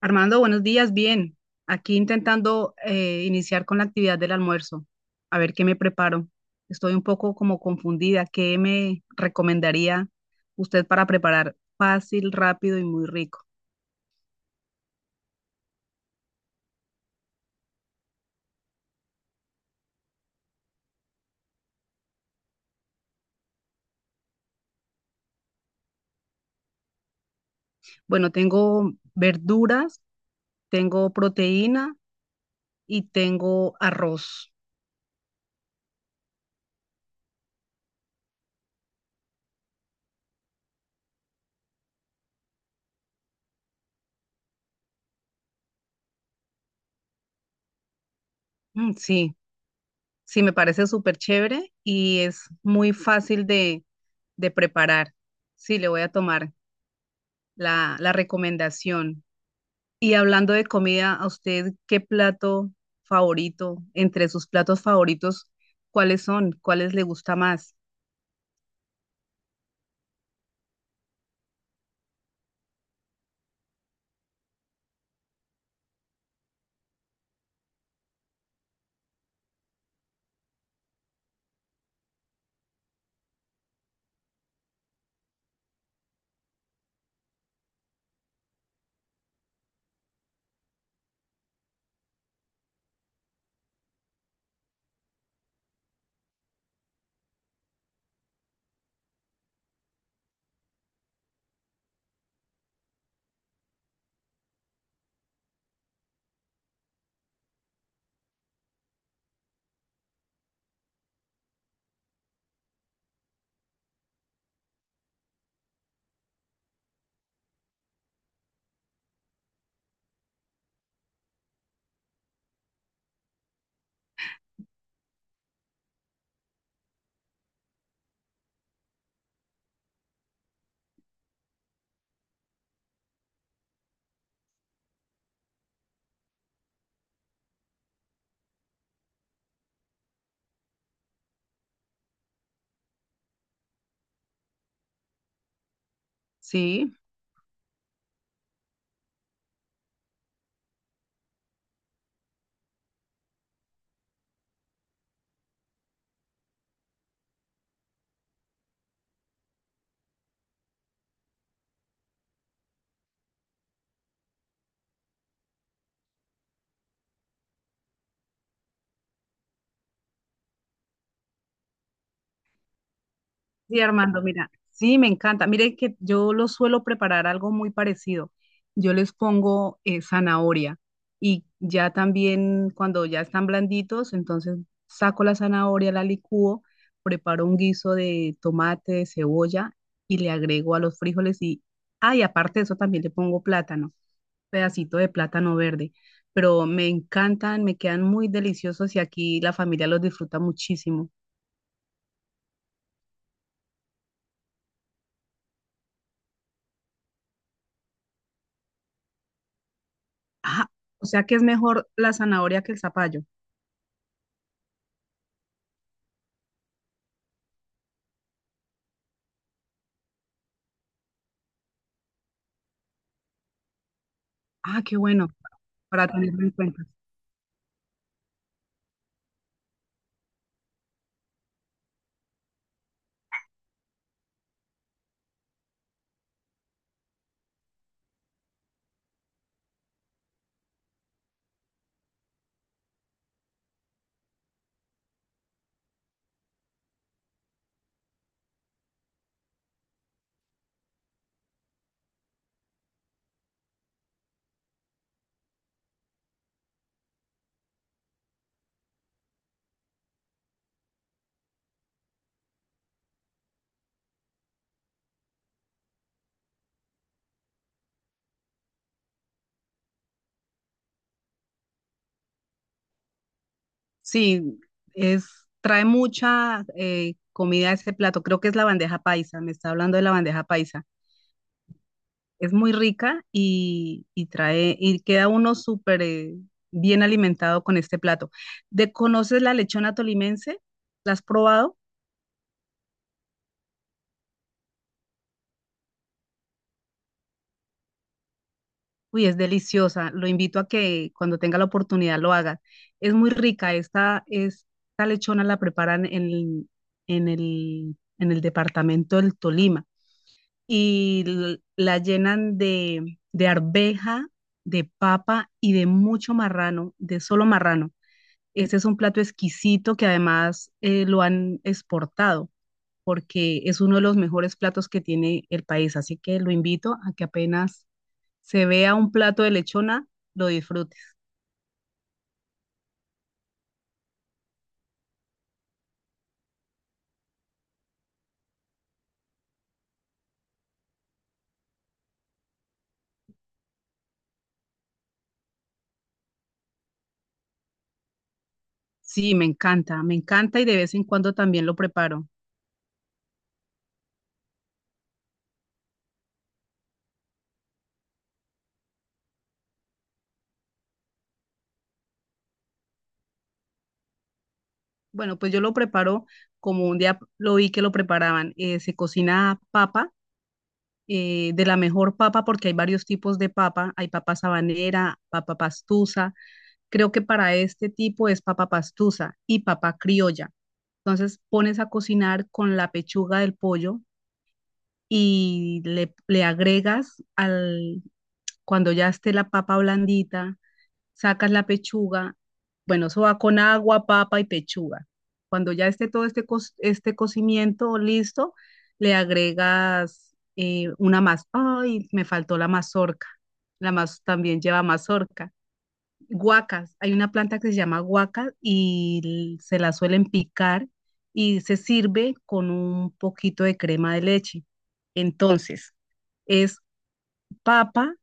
Armando, buenos días, bien. Aquí intentando iniciar con la actividad del almuerzo, a ver qué me preparo. Estoy un poco como confundida. ¿Qué me recomendaría usted para preparar fácil, rápido y muy rico? Bueno, tengo verduras, tengo proteína y tengo arroz. Mm, sí, sí, me parece súper chévere y es muy fácil de preparar. Sí, le voy a tomar la recomendación. Y hablando de comida, ¿a usted qué plato favorito, entre sus platos favoritos, cuáles son? ¿Cuáles le gusta más? Sí. Sí, Armando, mira, sí, me encanta. Mire que yo lo suelo preparar algo muy parecido. Yo les pongo zanahoria y ya también cuando ya están blanditos, entonces saco la zanahoria, la licúo, preparo un guiso de tomate, de cebolla y le agrego a los frijoles y, ah, y aparte de eso también le pongo plátano, pedacito de plátano verde. Pero me encantan, me quedan muy deliciosos y aquí la familia los disfruta muchísimo. Ah, o sea que es mejor la zanahoria que el zapallo. Ah, qué bueno, para tenerlo en cuenta. Sí, es, trae mucha comida a ese plato. Creo que es la bandeja paisa, me está hablando de la bandeja paisa. Es muy rica y trae, y queda uno súper bien alimentado con este plato. ¿De conoces la lechona tolimense? ¿La has probado? Uy, es deliciosa. Lo invito a que cuando tenga la oportunidad lo haga. Es muy rica. Esta lechona la preparan en en el departamento del Tolima y la llenan de arveja, de papa y de mucho marrano, de solo marrano. Este es un plato exquisito que además lo han exportado porque es uno de los mejores platos que tiene el país. Así que lo invito a que apenas se vea un plato de lechona, lo disfrutes. Sí, me encanta y de vez en cuando también lo preparo. Bueno, pues yo lo preparo como un día lo vi que lo preparaban. Eh, se cocina papa, de la mejor papa porque hay varios tipos de papa. Hay papa sabanera, papa pastusa. Creo que para este tipo es papa pastusa y papa criolla. Entonces pones a cocinar con la pechuga del pollo y le agregas al, cuando ya esté la papa blandita sacas la pechuga, bueno, eso va con agua, papa y pechuga. Cuando ya esté todo este, este cocimiento listo, le agregas una más. Ay, me faltó la mazorca. La más también lleva mazorca. Guacas. Hay una planta que se llama guaca y se la suelen picar y se sirve con un poquito de crema de leche. Entonces, es papa,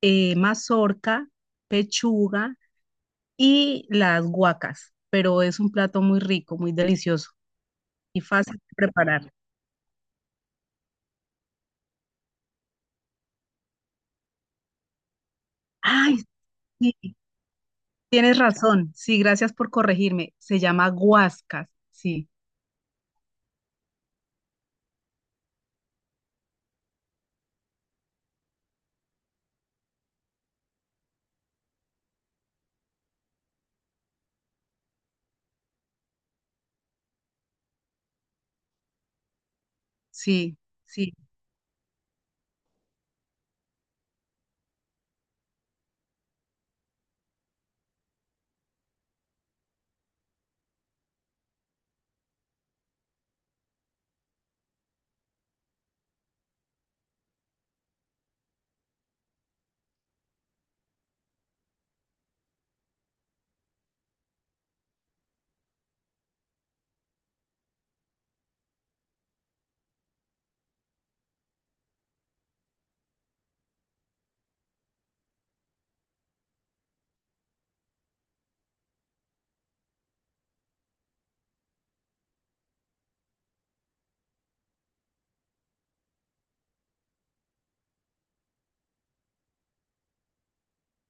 mazorca, pechuga y las guacas, pero es un plato muy rico, muy delicioso y fácil de preparar. Ay, sí, tienes razón. Sí, gracias por corregirme. Se llama guascas. Sí, sí, sí,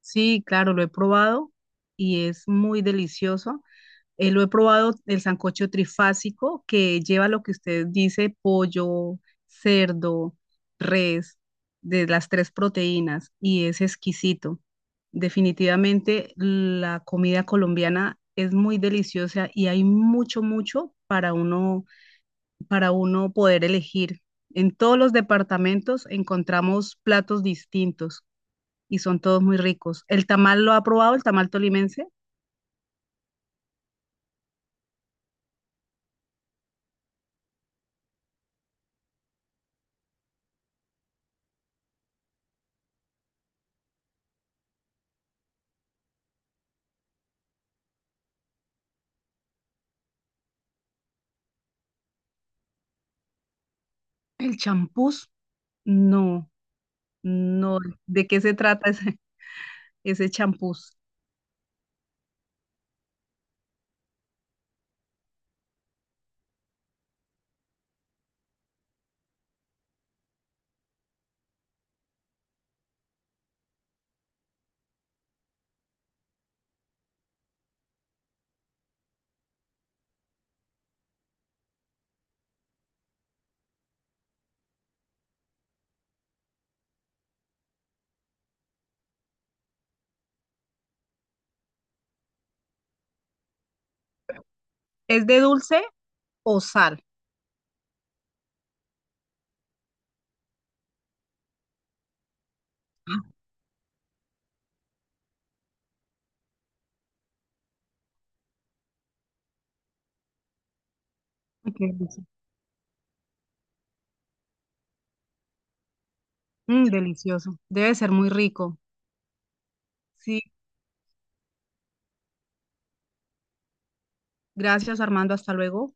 sí, claro, lo he probado y es muy delicioso. Lo he probado, el sancocho trifásico, que lleva lo que usted dice, pollo, cerdo, res, de las tres proteínas, y es exquisito. Definitivamente la comida colombiana es muy deliciosa y hay mucho, mucho para uno poder elegir. En todos los departamentos encontramos platos distintos y son todos muy ricos. ¿El tamal lo ha probado, el tamal tolimense? ¿El champús? No. No, ¿de qué se trata ese champús? ¿Es de dulce o sal? Ah, qué delicia. Mm, delicioso. Debe ser muy rico. Sí, gracias Armando, hasta luego.